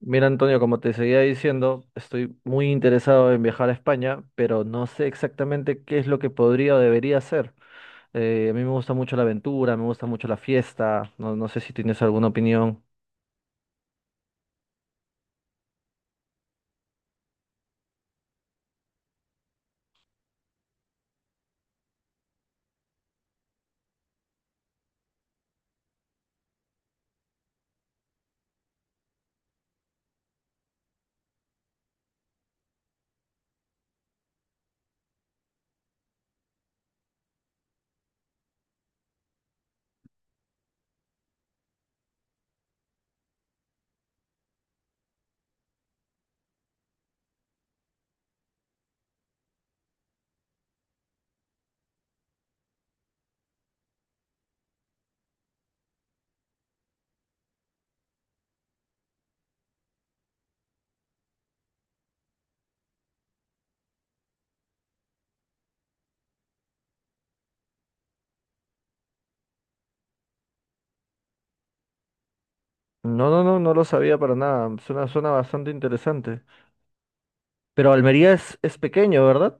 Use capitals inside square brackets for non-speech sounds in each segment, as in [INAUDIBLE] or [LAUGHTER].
Mira, Antonio, como te seguía diciendo, estoy muy interesado en viajar a España, pero no sé exactamente qué es lo que podría o debería hacer. A mí me gusta mucho la aventura, me gusta mucho la fiesta, no, no sé si tienes alguna opinión. No, no, no, no lo sabía para nada, suena, suena bastante interesante. Pero Almería es pequeño, ¿verdad?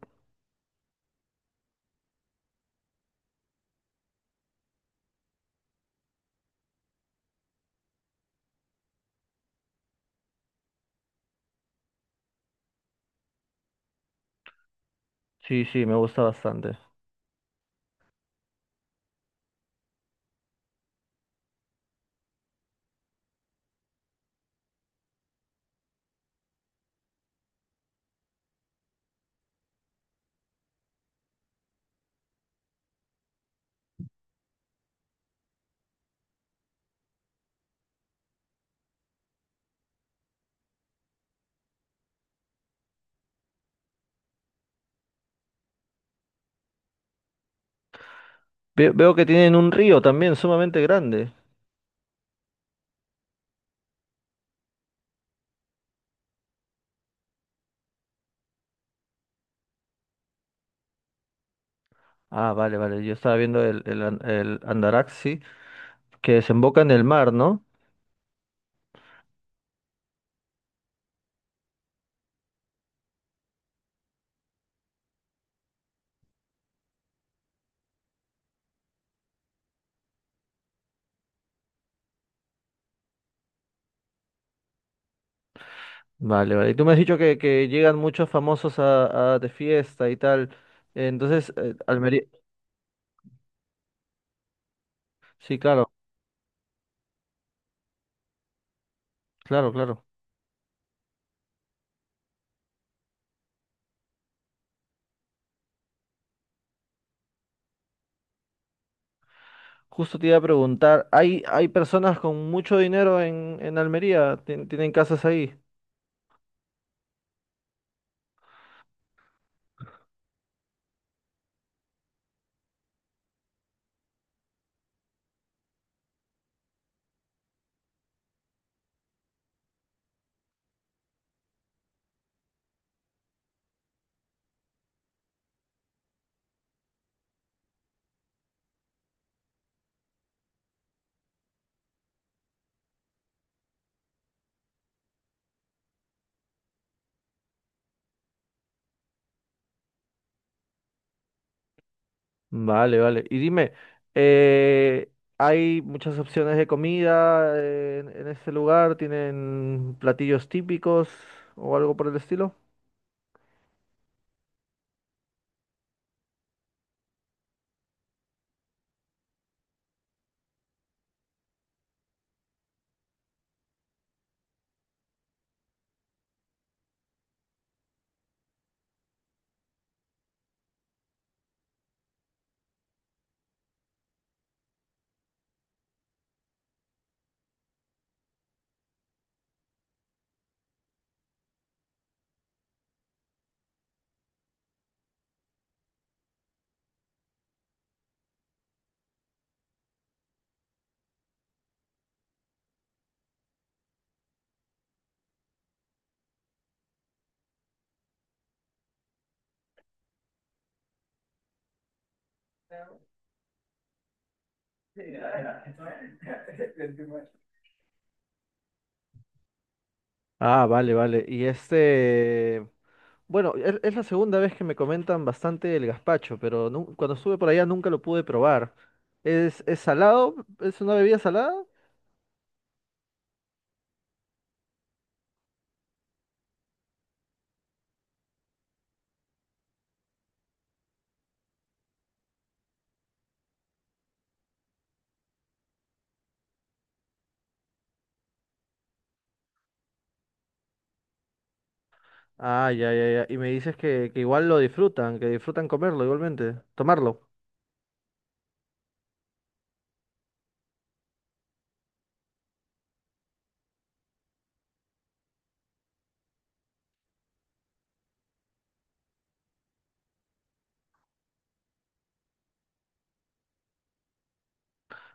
Sí, sí, me gusta bastante. Veo que tienen un río también sumamente grande. Ah, vale, vale, yo estaba viendo el Andarax, sí, que desemboca en el mar, ¿no? Vale, vale. Y tú me has dicho que llegan muchos famosos a de fiesta y tal. Entonces, Almería. Sí, claro, claro, claro. Justo te iba a preguntar, ¿hay, hay personas con mucho dinero en Almería? ¿Tienen casas ahí? Vale, vale. Y dime, eh, ¿hay muchas opciones de comida en este lugar? ¿Tienen platillos típicos o algo por el estilo? Ah, vale, vale. Y este... Bueno, es la segunda vez que me comentan bastante el gazpacho, pero cuando estuve por allá nunca lo pude probar. Es salado? ¿Es una bebida salada? Ah, ya, ya, ya. Y me dices que igual lo disfrutan, que disfrutan comerlo igualmente, tomarlo.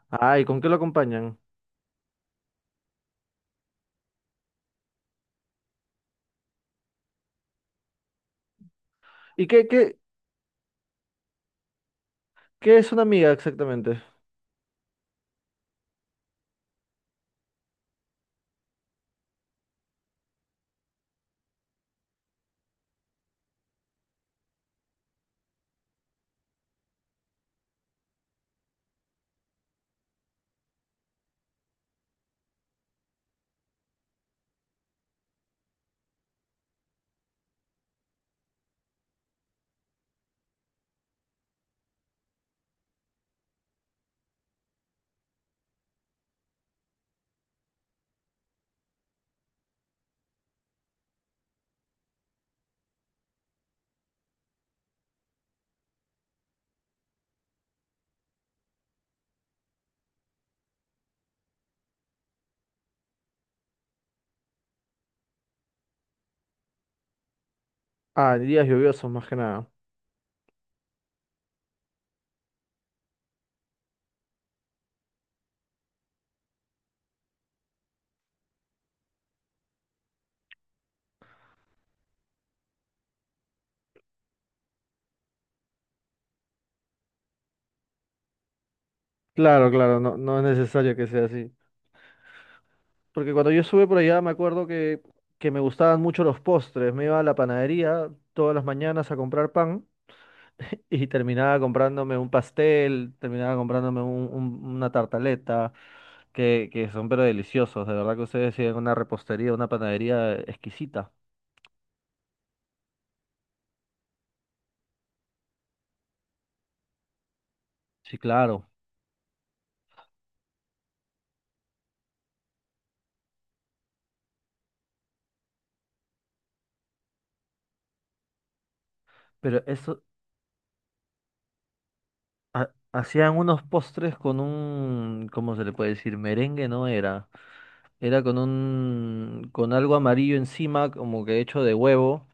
Ah, ¿y con qué lo acompañan? ¿Y qué es una miga exactamente? Ah, en días lluviosos más que nada. Claro, claro, no, no es necesario que sea así. Porque cuando yo estuve por allá me acuerdo que me gustaban mucho los postres. Me iba a la panadería todas las mañanas a comprar pan. [LAUGHS] Y terminaba comprándome un pastel, terminaba comprándome una tartaleta, que son pero deliciosos. De verdad que ustedes tienen una repostería, una panadería exquisita. Sí, claro. Pero eso, hacían unos postres con un, ¿cómo se le puede decir? Merengue no era. Era con un, con algo amarillo encima, como que hecho de huevo,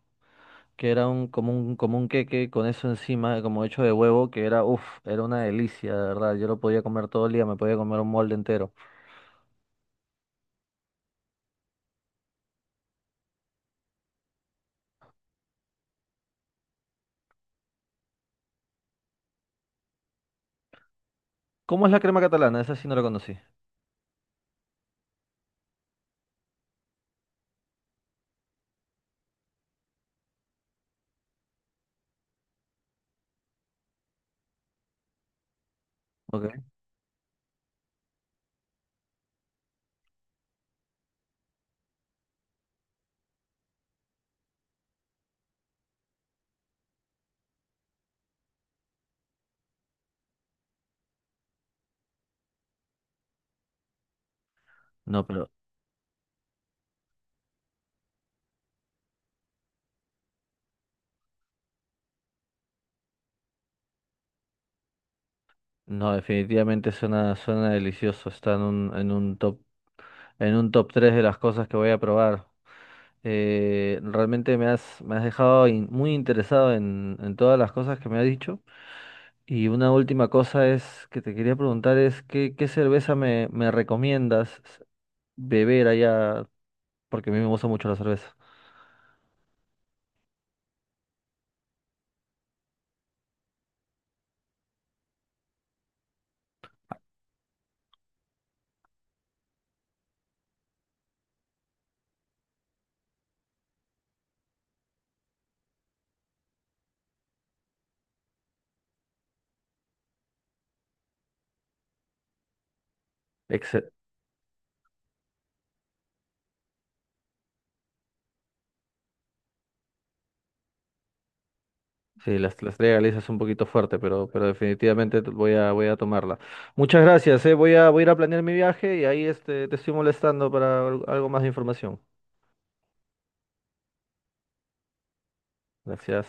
que era un, como un, como un queque con eso encima, como hecho de huevo, que era, uff, era una delicia, de verdad. Yo lo podía comer todo el día, me podía comer un molde entero. ¿Cómo es la crema catalana? Esa sí no la conocí. Ok. No, pero no, definitivamente suena, suena delicioso. Está en un top 3 de las cosas que voy a probar. Realmente me has dejado muy interesado en todas las cosas que me has dicho. Y una última cosa es que te quería preguntar es qué, qué cerveza me, me recomiendas beber allá, porque a mí me gusta mucho la cerveza. Sí, la estrella Galicia es un poquito fuerte, pero definitivamente voy a, voy a tomarla. Muchas gracias, eh. Voy a, voy a ir a planear mi viaje y ahí este, te estoy molestando para algo más de información. Gracias.